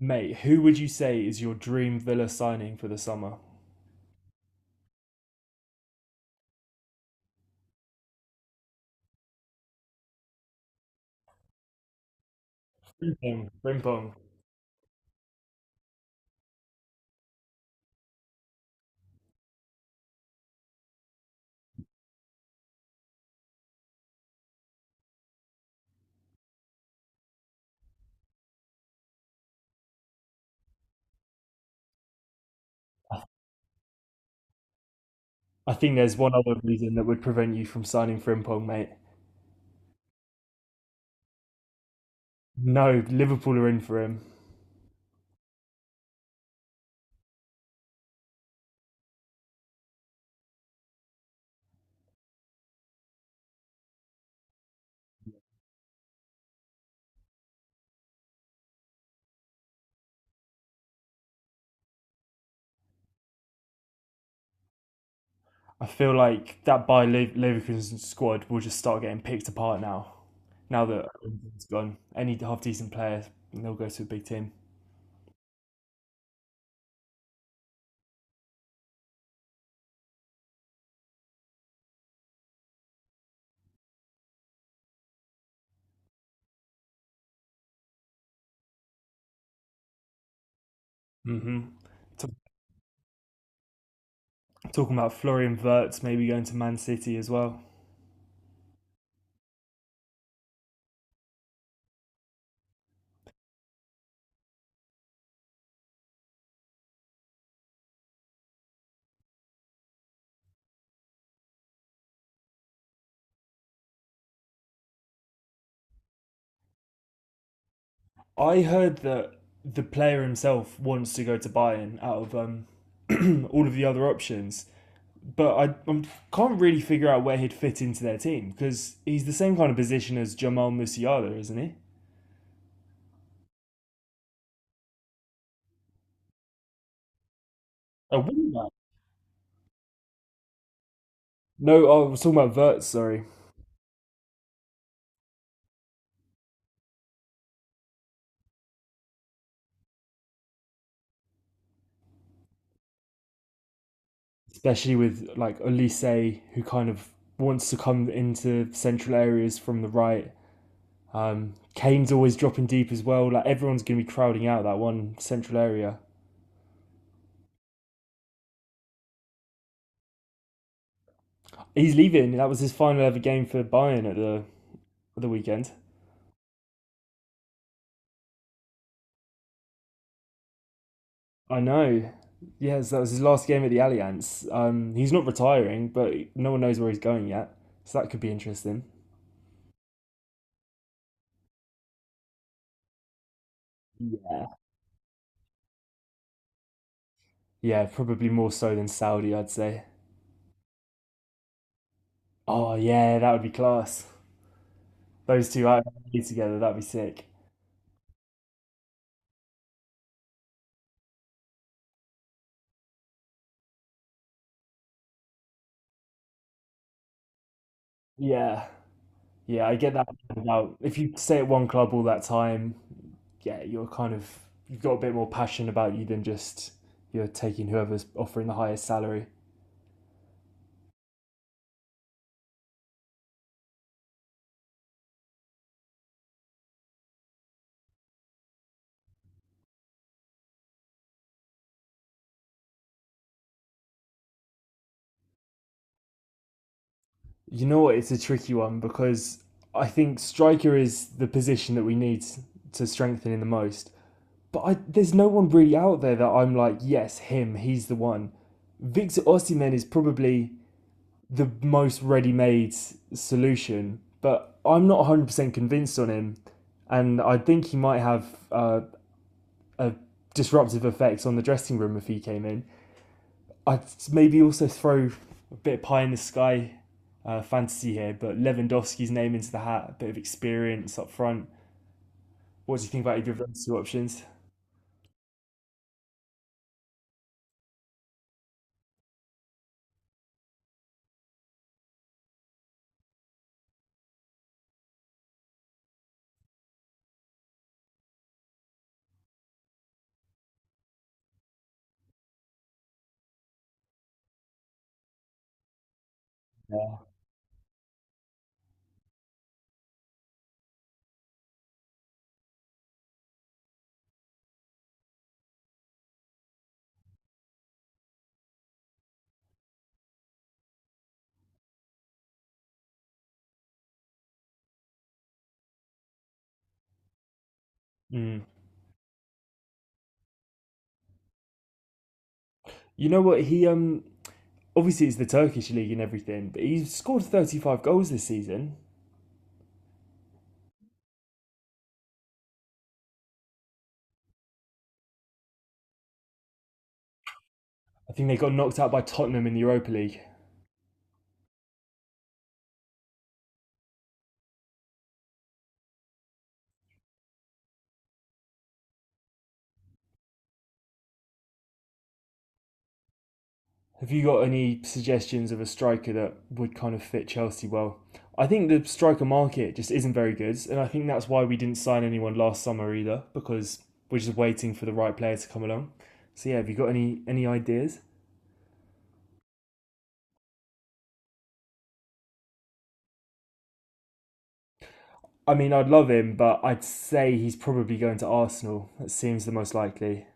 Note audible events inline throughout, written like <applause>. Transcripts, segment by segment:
Mate, who would you say is your dream Villa signing for the summer? Frimpong. Frimpong. I think there's one other reason that would prevent you from signing Frimpong, mate. No, Liverpool are in for him. I feel like that Leverkusen squad will just start getting picked apart now. Now that Frimpong's gone, any half decent player, they'll go to a big team. Hmm. T- Talking about Florian Wirtz maybe going to Man City as well. I heard that the player himself wants to go to Bayern out of <clears throat> all of the other options, but I can't really figure out where he'd fit into their team because he's the same kind of position as Jamal Musiala, isn't he? A wing. No, oh, I was talking about Verts. Sorry, especially with like Olise, who kind of wants to come into central areas from the right. Kane's always dropping deep as well. Like everyone's going to be crowding out that one central area. He's leaving. That was his final ever game for Bayern at the weekend. I know. Yes, that was his last game at the Allianz. He's not retiring, but no one knows where he's going yet. So that could be interesting. Yeah. Yeah, probably more so than Saudi, I'd say. Oh yeah, that would be class. Those two out together, that'd be sick. Yeah, yeah, I get that. About if you stay at one club all that time, yeah, you're kind of you've got a bit more passion about you than just you're taking whoever's offering the highest salary. You know what? It's a tricky one because I think striker is the position that we need to strengthen in the most. But I, there's no one really out there that I'm like, yes, him, he's the one. Victor Osimhen is probably the most ready-made solution, but I'm not 100% convinced on him, and I think he might have uh, a disruptive effect on the dressing room if he came in. I'd maybe also throw a bit of pie in the sky fantasy here, but Lewandowski's name into the hat, a bit of experience up front. What do you think about either of those two options? Mm. You know what? He obviously it's the Turkish league and everything, but he's scored 35 goals this season. I think they got knocked out by Tottenham in the Europa League. Have you got any suggestions of a striker that would kind of fit Chelsea well? I think the striker market just isn't very good, and I think that's why we didn't sign anyone last summer either, because we're just waiting for the right player to come along. So yeah, have you got any ideas? I mean, I'd love him, but I'd say he's probably going to Arsenal. That seems the most likely.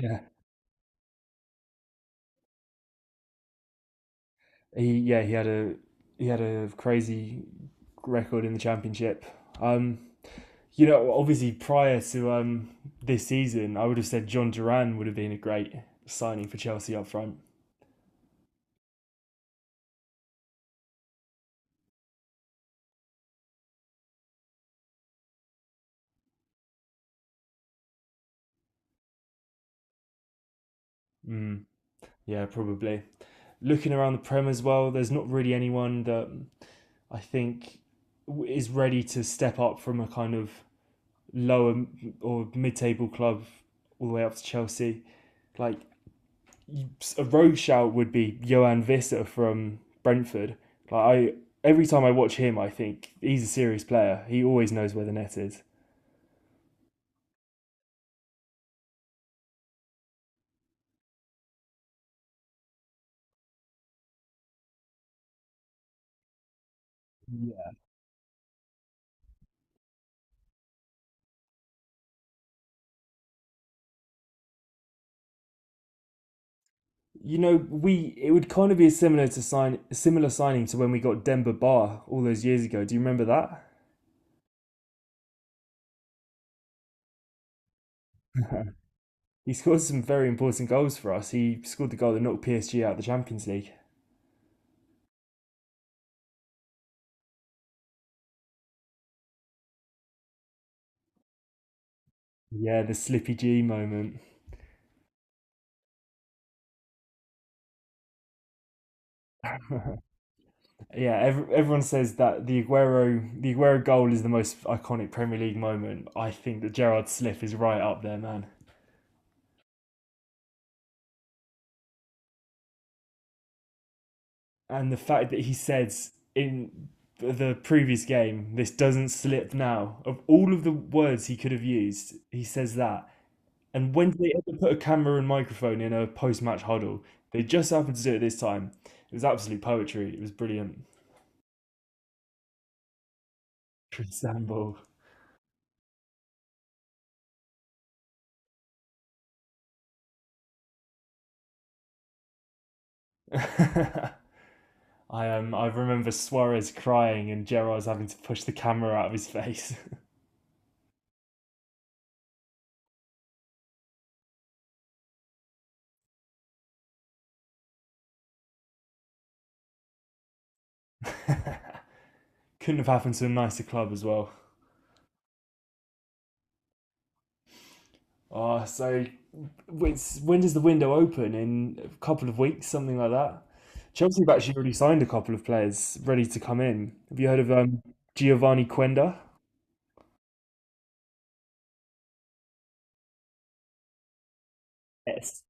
Yeah, he yeah he had a he had a crazy record in the championship. Um, you know, obviously prior to this season, I would have said John Duran would have been a great signing for Chelsea up front. Mm, yeah, probably. Looking around the Prem as well, there's not really anyone that I think is ready to step up from a kind of lower or mid-table club all the way up to Chelsea. Like a rogue shout would be Johan Visser from Brentford. Like I, every time I watch him, I think he's a serious player. He always knows where the net is. You know, we it would kind of be similar to sign similar signing to when we got Demba Ba all those years ago. Do you remember that? <laughs> He scored some very important goals for us. He scored the goal that knocked PSG out of the Champions League. Yeah, the Slippy G moment. Yeah, ev everyone says that the Aguero goal is the most iconic Premier League moment. I think that Gerard's slip is right up there, man. And the fact that he says in the previous game, this doesn't slip now. Of all of the words he could have used, he says that. And when do they ever put a camera and microphone in a post match huddle? They just happened to do it this time. It was absolute poetry. It was brilliant. Chris Samble. <laughs> I remember Suarez crying and Gerrard's having to push the camera out of his face. <laughs> Couldn't have happened to a nicer club as well. Oh, so it's, when does the window open? In a couple of weeks, something like that. Chelsea have actually already signed a couple of players ready to come in. Have you heard of Giovanni Quenda? Yes.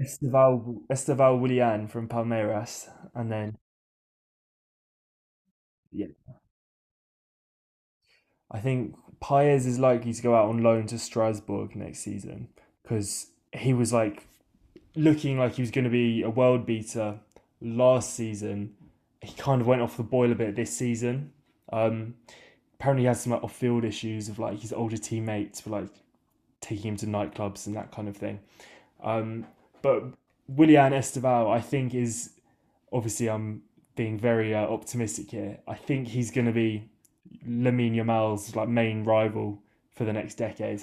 Esteval, Esteval Willian from Palmeiras. And then, yeah, I think Paez is likely to go out on loan to Strasbourg next season because he was like looking like he was going to be a world beater last season. He kind of went off the boil a bit this season. Um, Apparently he has some like, off-field issues of like his older teammates were like taking him to nightclubs and that kind of thing. Um, but Willian Esteval, I think, is obviously I'm being very optimistic here. I think he's going to be Lamine Yamal's like main rival for the next decade.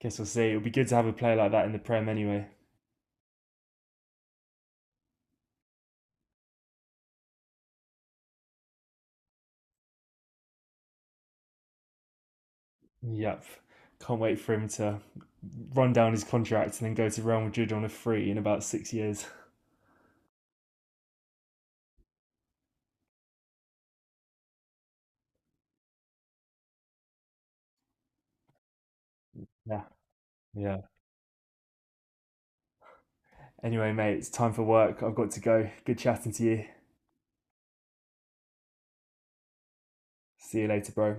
Guess we'll see. It'll be good to have a player like that in the Prem anyway. Yep, can't wait for him to run down his contract and then go to Real Madrid on a free in about 6 years. Yeah, yeah. Anyway, mate, it's time for work. I've got to go. Good chatting to you. See you later, bro.